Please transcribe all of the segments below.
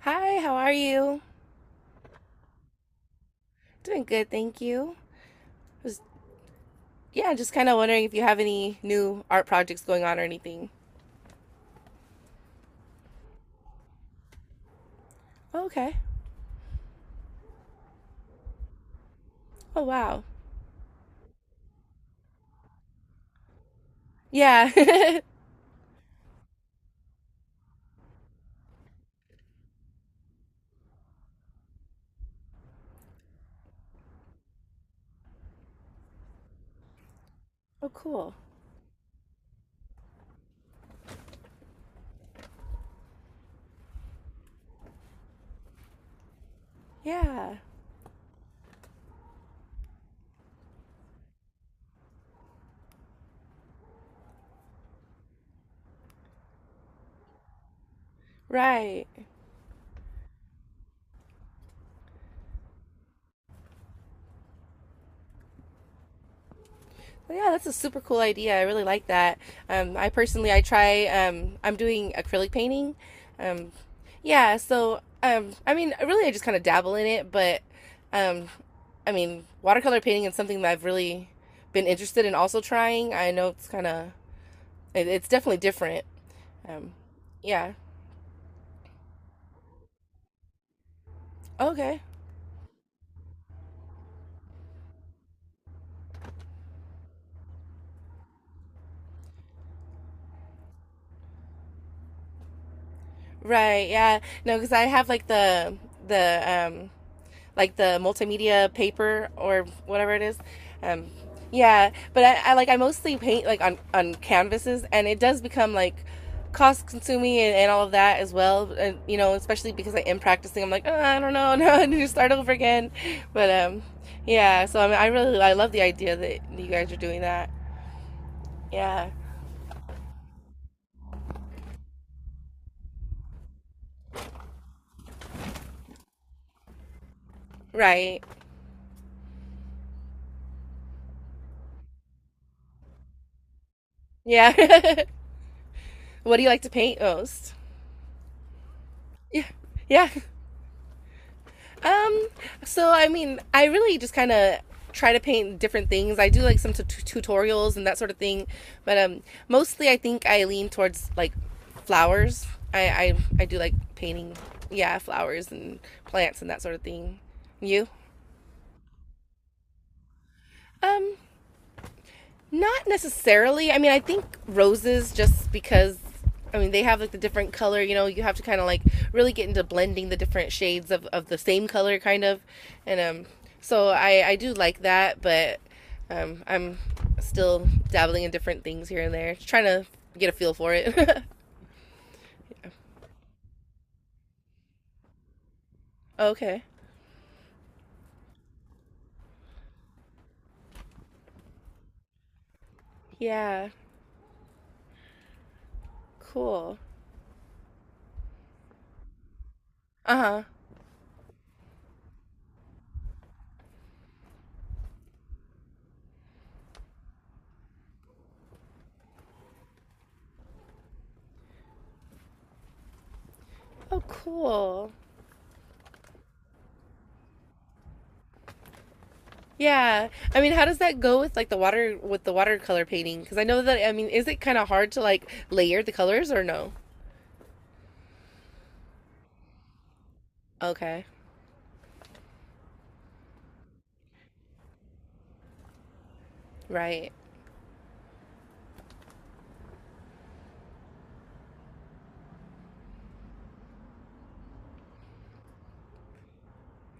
Hi, how are you? Doing good, thank you. Was, yeah, just kind of wondering if you have any new art projects going on or anything. Oh, okay. Oh, wow. Yeah. Oh, cool. Yeah. Right. Well, yeah, that's a super cool idea. I really like that. I personally, I'm doing acrylic painting. Um, yeah, I mean, really, I just kind of dabble in it, um, I mean, watercolor painting is something that I've really been interested in also trying. I know it's kind of it's definitely different. Um, yeah. Okay. Right. Yeah. No, because I have like the like the multimedia paper or whatever it is. Um, yeah. But I mostly paint like on canvases, and it does become like cost consuming and all of that as well. And especially because I am practicing, I'm like, oh, I don't know, no, I need to start over again. But yeah. So I mean, I really I love the idea that you guys are doing that. Yeah. Right. Yeah. what do you like to paint most? Yeah. Yeah. Um, so I mean, I really just kind of try to paint different things. I do like some tutorials and that sort of thing, but mostly I think I lean towards like flowers. I, I do like painting, yeah, flowers and plants and that sort of thing. You? Um, Not necessarily. I mean, I think roses just because I mean they have like the different color, you have to kind of like really get into blending the different shades of the same color kind of. And so I do like that, but I'm still dabbling in different things here and there, just trying to get a feel for it. okay. Yeah. Cool. Uh-huh. Oh, cool. Yeah. I mean, how does that go with like the water with the watercolor painting? Because I know that I mean, is it kind of hard to like layer the colors or no? Okay. Right.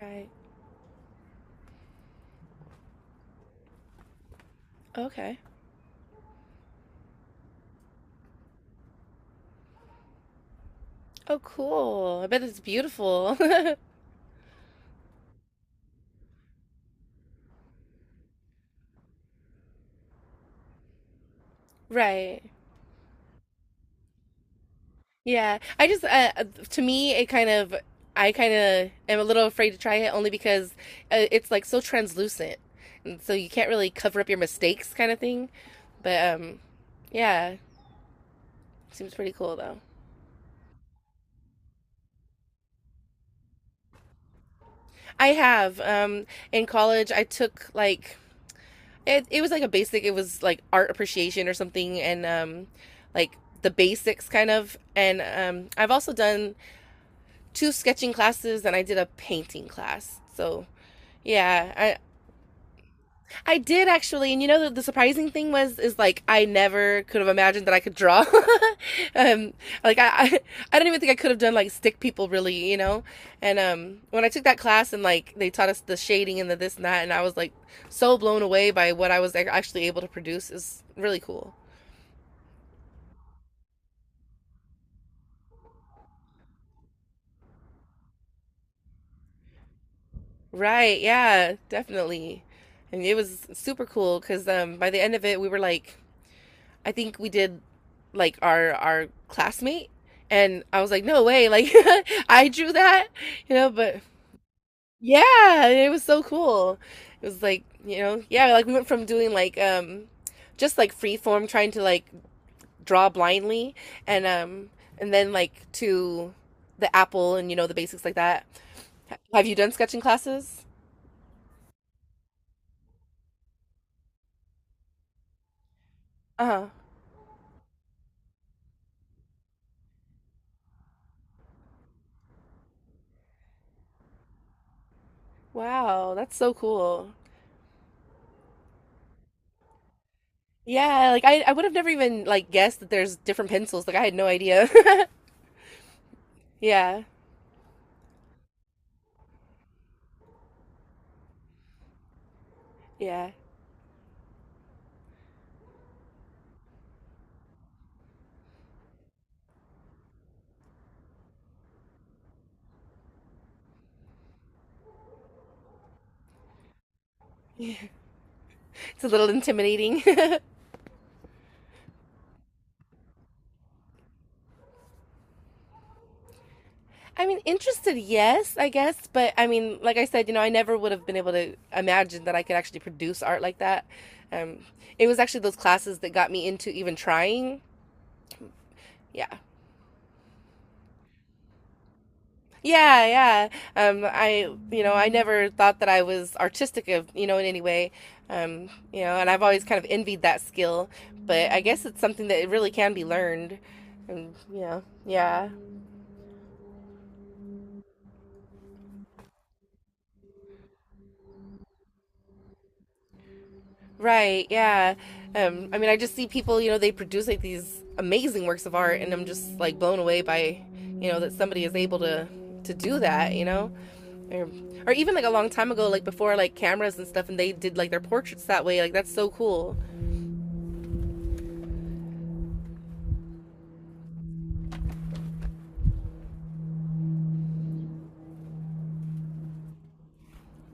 Right. Okay. Oh, cool. I bet it's beautiful. Right. Yeah. I just to me it kind of I kind of am a little afraid to try it only because it's like so translucent. And so you can't really cover up your mistakes kind of thing. But yeah, seems pretty cool though. I have. In college, I took like it was like a basic. It was like art appreciation or something, and like the basics kind of. And I've also done two sketching classes, and I did a painting class. So yeah, I, I did actually, and you know the surprising thing was is like I never could have imagined that I could draw. um, like I don't even think I could have done like stick people really, you know. And when I took that class and like they taught us the shading and the this and that, and I was like so blown away by what I was actually able to produce. Is really cool. Right? Yeah, definitely. And it was super cool because by the end of it, we were like I think we did like our classmate and I was like, no way, like I drew that, you know, but yeah, it was so cool. It was like, you know, yeah, like we went from doing like just like free form trying to like draw blindly and um and then like to the apple and you know the basics like that. Have you done sketching classes? Uh-huh. Wow, that's so cool. Yeah, like I would have never even like guessed that there's different pencils. Like I had no idea. Yeah, yeah. It's a little intimidating. I mean, interested, yes, I guess, but I mean, like I said, you know, I never would have been able to imagine that I could actually produce art like that. Um, it was actually those classes that got me into even trying. Yeah. Yeah, yeah. You know, I never thought that I was artistic of, you know, in any way. You know, and I've always kind of envied that skill, but I guess it's something that it really can be learned. And you know, yeah. Right, yeah. I mean, I just see people, you know, they produce like these amazing works of art, and I'm just like blown away by, you know, that somebody is able to do that, or, or even like a long time ago, like before like cameras and stuff, and they did like their portraits that way. Like that's so cool.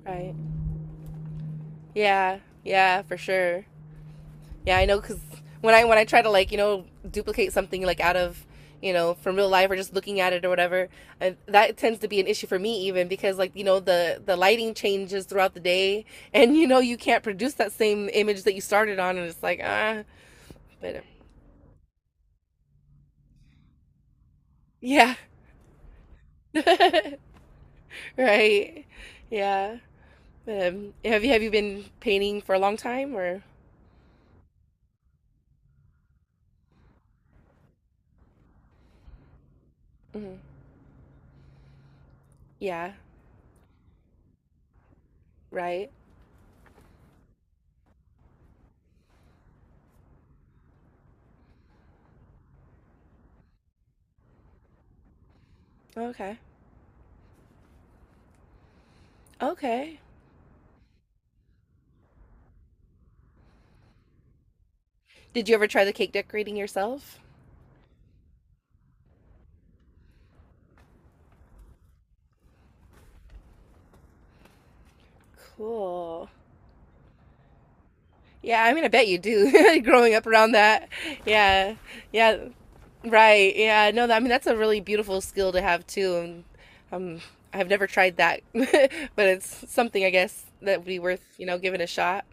Right. Yeah. Yeah, for sure. Yeah, I know because when I try to like you know duplicate something like out of you know from real life or just looking at it or whatever, and that tends to be an issue for me even because like you know the lighting changes throughout the day and you know you can't produce that same image that you started on and it's like ah but yeah right yeah have you been painting for a long time or Mhm. yeah right okay okay did you ever try the cake decorating yourself cool Yeah, I mean, I bet you do. Growing up around that, yeah, yeah, right, yeah. No, that, I mean that's a really beautiful skill to have too. And um, I've never tried that, but it's something I guess that would be worth you know giving a shot.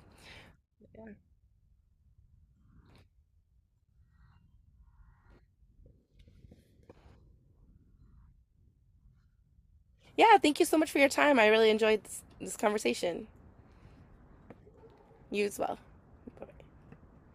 Yeah, thank you so much for your time. I really enjoyed this conversation. You as well. Bye-bye.